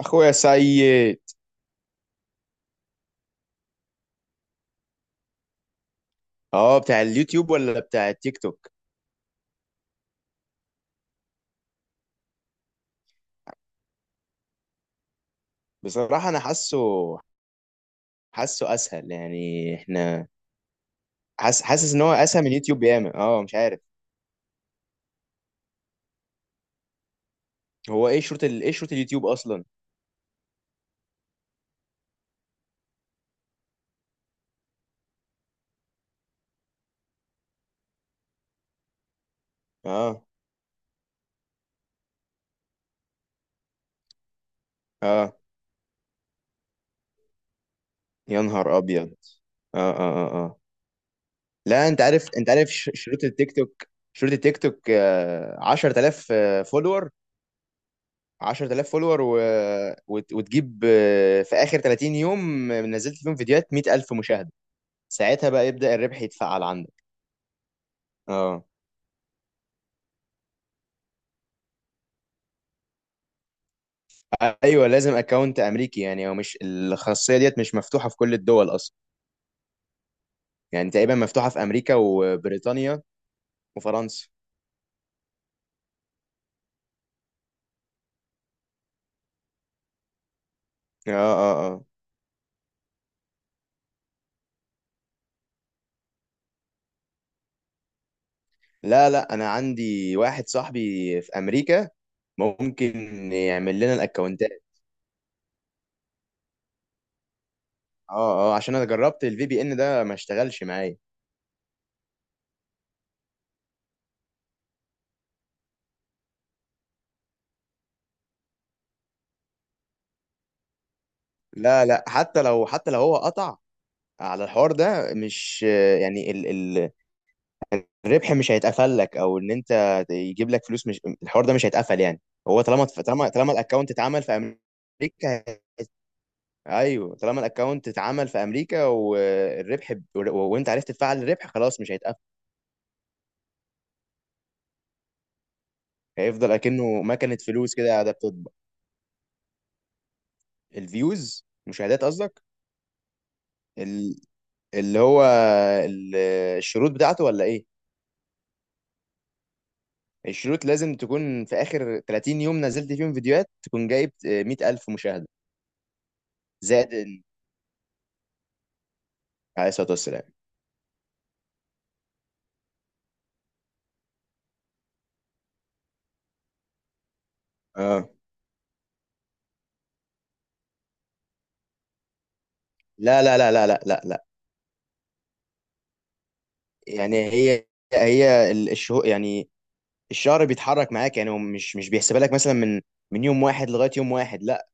اخويا سيد. اه بتاع اليوتيوب ولا بتاع التيك توك؟ بصراحة انا حاسه اسهل، يعني احنا حاسس ان هو اسهل من اليوتيوب ياما، مش عارف. هو ايه ايه شروط اليوتيوب اصلا؟ اه، اه، يا نهار ابيض. اه. لا، انت عارف، انت عارف شروط التيك توك، شروط التيك توك 10,000 فولور. 10,000 فولور وتجيب، في اخر 30 يوم نزلت فيهم فيديوهات 100,000 مشاهدة، ساعتها بقى يبدأ الربح يتفعل. اه. ايوه، لازم اكونت امريكي، يعني هو مش الخاصيه ديت مش مفتوحه في كل الدول اصلا. يعني تقريبا مفتوحه في امريكا وبريطانيا وفرنسا. اه، اه، اه. لا لا، انا عندي واحد صاحبي في امريكا ممكن يعمل لنا الاكونتات. اه اه، عشان انا جربت الفي بي ان ده ما اشتغلش معايا. لا لا، حتى لو هو قطع على الحوار ده، مش يعني الربح مش هيتقفل لك، او ان انت يجيب لك فلوس، مش الحوار ده مش هيتقفل يعني. هو طالما الاكونت اتعمل في امريكا، ايوه طالما الاكونت اتعمل في امريكا والربح وانت عرفت تفعل الربح، خلاص مش هيتقفل. هيفضل اكنه مكنه فلوس كده قاعده بتطبع. الفيوز مشاهدات قصدك؟ ال... اللي هو ال... الشروط بتاعته ولا ايه؟ الشروط لازم تكون في اخر 30 يوم نزلت فيهم فيديوهات تكون جايب 100,000 مشاهده زائد ال- عليه الصلاه والسلام. اه. لا. يعني هي هي ال- الشهو يعني الشهر بيتحرك معاك، يعني هو مش بيحسبها لك مثلا من من يوم واحد لغايه يوم واحد، لا.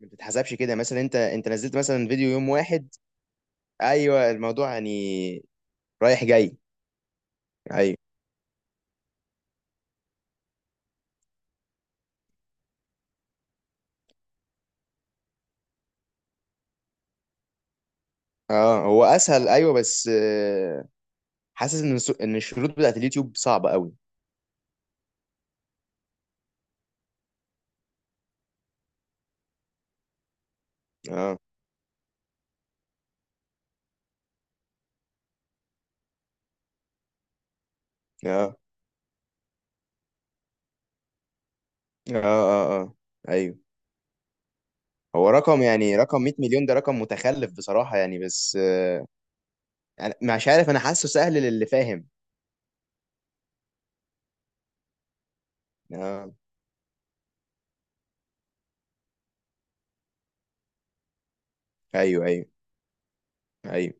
ما بتتحسبش كده. مثلا انت نزلت مثلا فيديو يوم واحد. ايوه الموضوع يعني رايح جاي. ايوه. اه، هو اسهل، ايوه، بس حاسس ان ان الشروط بتاعت اليوتيوب صعبه قوي. اه اه اه. ايوه، هو رقم، يعني رقم 100 مليون ده رقم متخلف بصراحه، يعني بس يعني مش عارف، انا حاسه سهل للي فاهم. اه. ايوه ايوه ايوه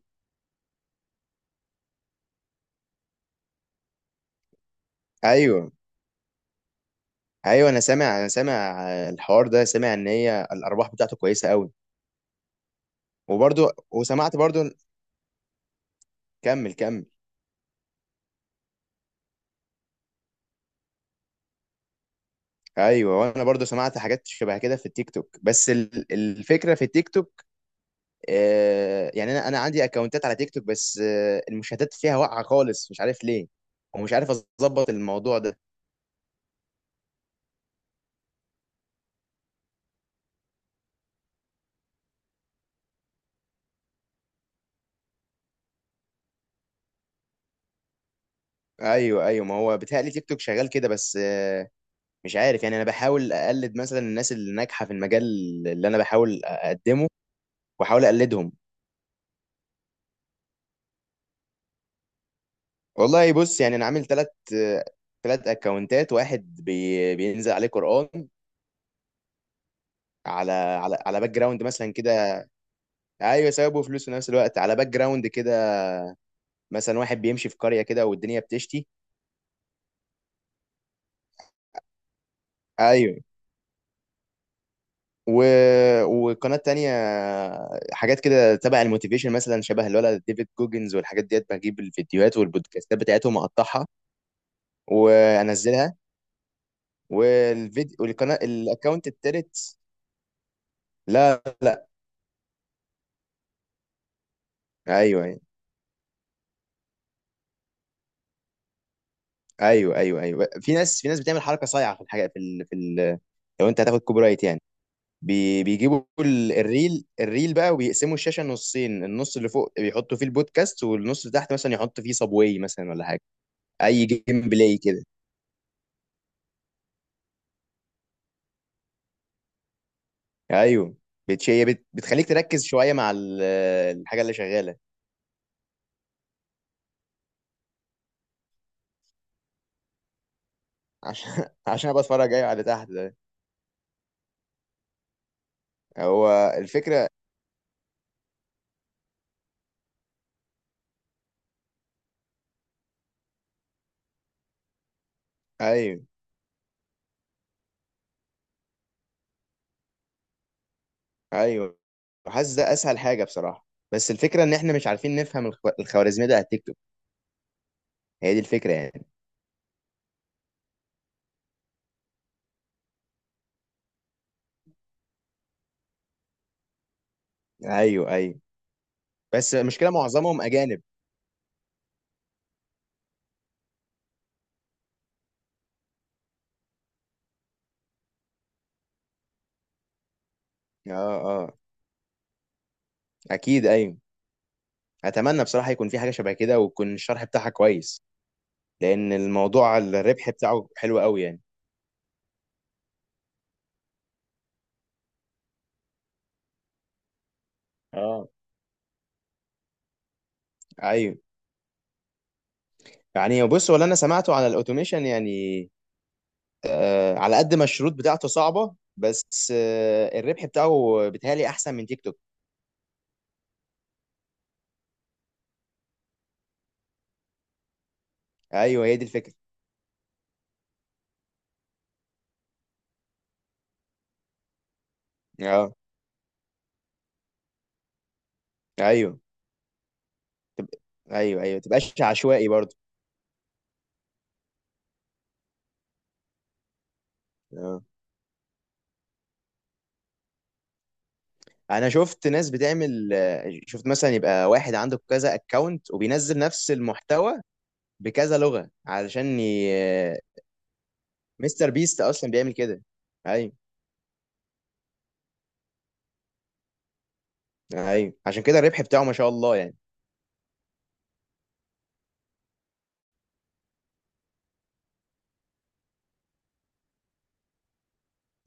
ايوه، ايوه. انا سامع الحوار ده، سامع ان هي الارباح بتاعته كويسه قوي. وبرضو وسمعت برضو. كمل كمل. ايوه، وانا برضو سمعت حاجات شبه كده في التيك توك، بس الفكره في التيك توك، آه يعني انا عندي اكونتات على تيك توك بس آه، المشاهدات فيها واقعه خالص، مش عارف ليه، ومش عارف اظبط الموضوع ده. ايوه ايوه، ما هو بيتهيألي تيك توك شغال كده، بس مش عارف يعني، انا بحاول اقلد مثلا الناس اللي ناجحه في المجال اللي انا بحاول اقدمه، واحاول اقلدهم. والله بص، يعني انا عامل ثلاث اكونتات. واحد بينزل عليه قرآن، على باك جراوند مثلا كده. ايوه ثواب وفلوس في نفس الوقت، على باك جراوند كده. مثلا واحد بيمشي في قرية كده والدنيا بتشتي. ايوه. و... وقناة تانية، حاجات كده تبع الموتيفيشن، مثلا شبه الولد ديفيد جوجنز والحاجات ديت، بجيب الفيديوهات والبودكاستات بتاعتهم، اقطعها وانزلها. والفيديو والقناه الاكونت التالت. لا لا. ايوه ايوه، في ناس، في ناس بتعمل حركه صايعه في الحاجه لو انت هتاخد كوبي رايت يعني، بيجيبوا الريل بقى، وبيقسموا الشاشه نصين، النص اللي فوق بيحطوا فيه البودكاست، والنص اللي تحت مثلا يحط فيه صابواي مثلا ولا حاجه، اي جيم بلاي كده. ايوه، بتخليك تركز شويه مع الحاجه اللي شغاله. عشان عشان أبقى اتفرج، ايوه، على اللي تحت ده. هو الفكره. ايوه ايوه، حاسس ده اسهل حاجه بصراحه، بس الفكره ان احنا مش عارفين نفهم الخوارزميه ده على التيك توك، هي دي الفكره يعني. ايوه ايوه، بس المشكله معظمهم اجانب. اه، اه، اكيد، ايوه. اتمنى بصراحه يكون في حاجه شبه كده ويكون الشرح بتاعها كويس، لان الموضوع الربح بتاعه حلو قوي يعني. اه. ايوه، يعني بص، ولا انا سمعته على الاوتوميشن يعني، على قد ما الشروط بتاعته صعبه، بس الربح بتاعه بيتهيألي احسن من تيك توك. ايوه، هي دي الفكره. اه. ايوه تبقى، ايوه ايوه، تبقاش عشوائي برضو. آه. انا شفت ناس بتعمل، شفت مثلا يبقى واحد عنده كذا اكونت وبينزل نفس المحتوى بكذا لغة علشان ي... آه، مستر بيست اصلا بيعمل كده. ايوه ايوه، عشان كده الربح بتاعه ما شاء الله يعني.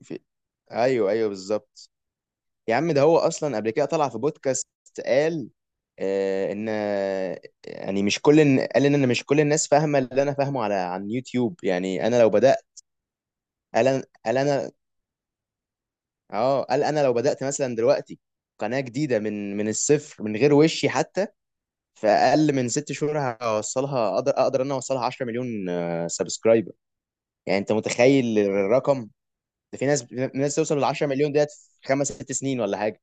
في... ايوه ايوه بالظبط. يا عم ده هو اصلا قبل كده طلع في بودكاست، قال آه ان آه، يعني مش قال ان انا مش كل الناس فاهمه اللي انا فاهمه على عن يوتيوب. يعني انا لو بدات، قال انا، اه، قال انا لو بدأت مثلا دلوقتي قناة جديدة من الصفر، من غير وشي حتى، في اقل من ست شهور هوصلها، اقدر انا اوصلها 10 مليون سبسكرايبر. يعني انت متخيل الرقم ده؟ في ناس توصل ل 10 مليون ديت في خمس ست سنين ولا حاجة.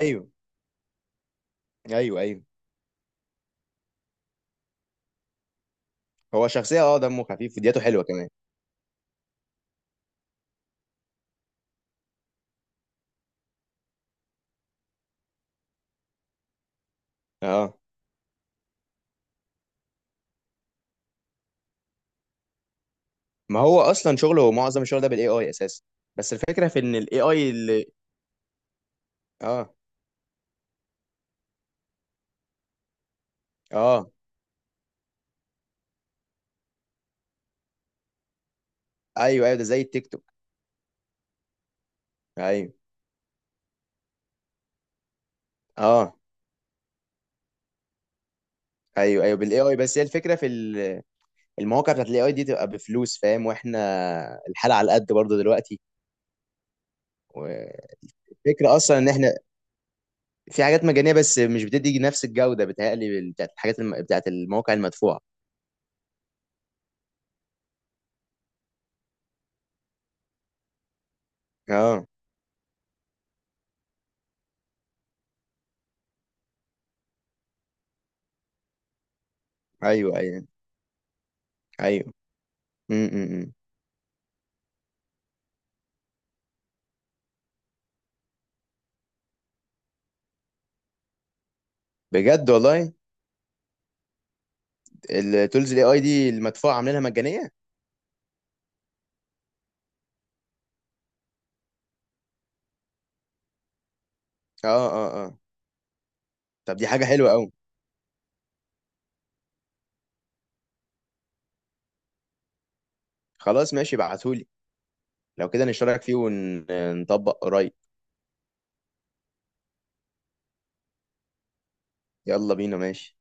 ايوه ايوه ايوه. هو شخصية، اه، دمه خفيف، فيديوهاته حلوة كمان. اه، ما هو اصلا شغله معظم الشغل ده بالاي اي اساسا، بس الفكرة في ان الاي اي اللي... اه اه. ايوه ايوه، ده زي التيك توك. ايوه. اه. ايوه ايوه بالاي اي، بس هي الفكره في المواقع بتاعت الاي اي دي تبقى بفلوس، فاهم، واحنا الحاله على قد برضه دلوقتي. والفكره اصلا ان احنا في حاجات مجانيه بس مش بتدي نفس الجوده، بتهيألي بتاعت بتاعت المواقع المدفوعه. اه، ايوه، ايوه، ايوه. امم. بجد والله؟ التولز الاي اي دي المدفوعه عاملينها مجانيه؟ اه اه اه. طب دي حاجه حلوه قوي. خلاص ماشي، ابعتهولي. لو كده نشترك فيه ونطبق قريب. يلا بينا، ماشي.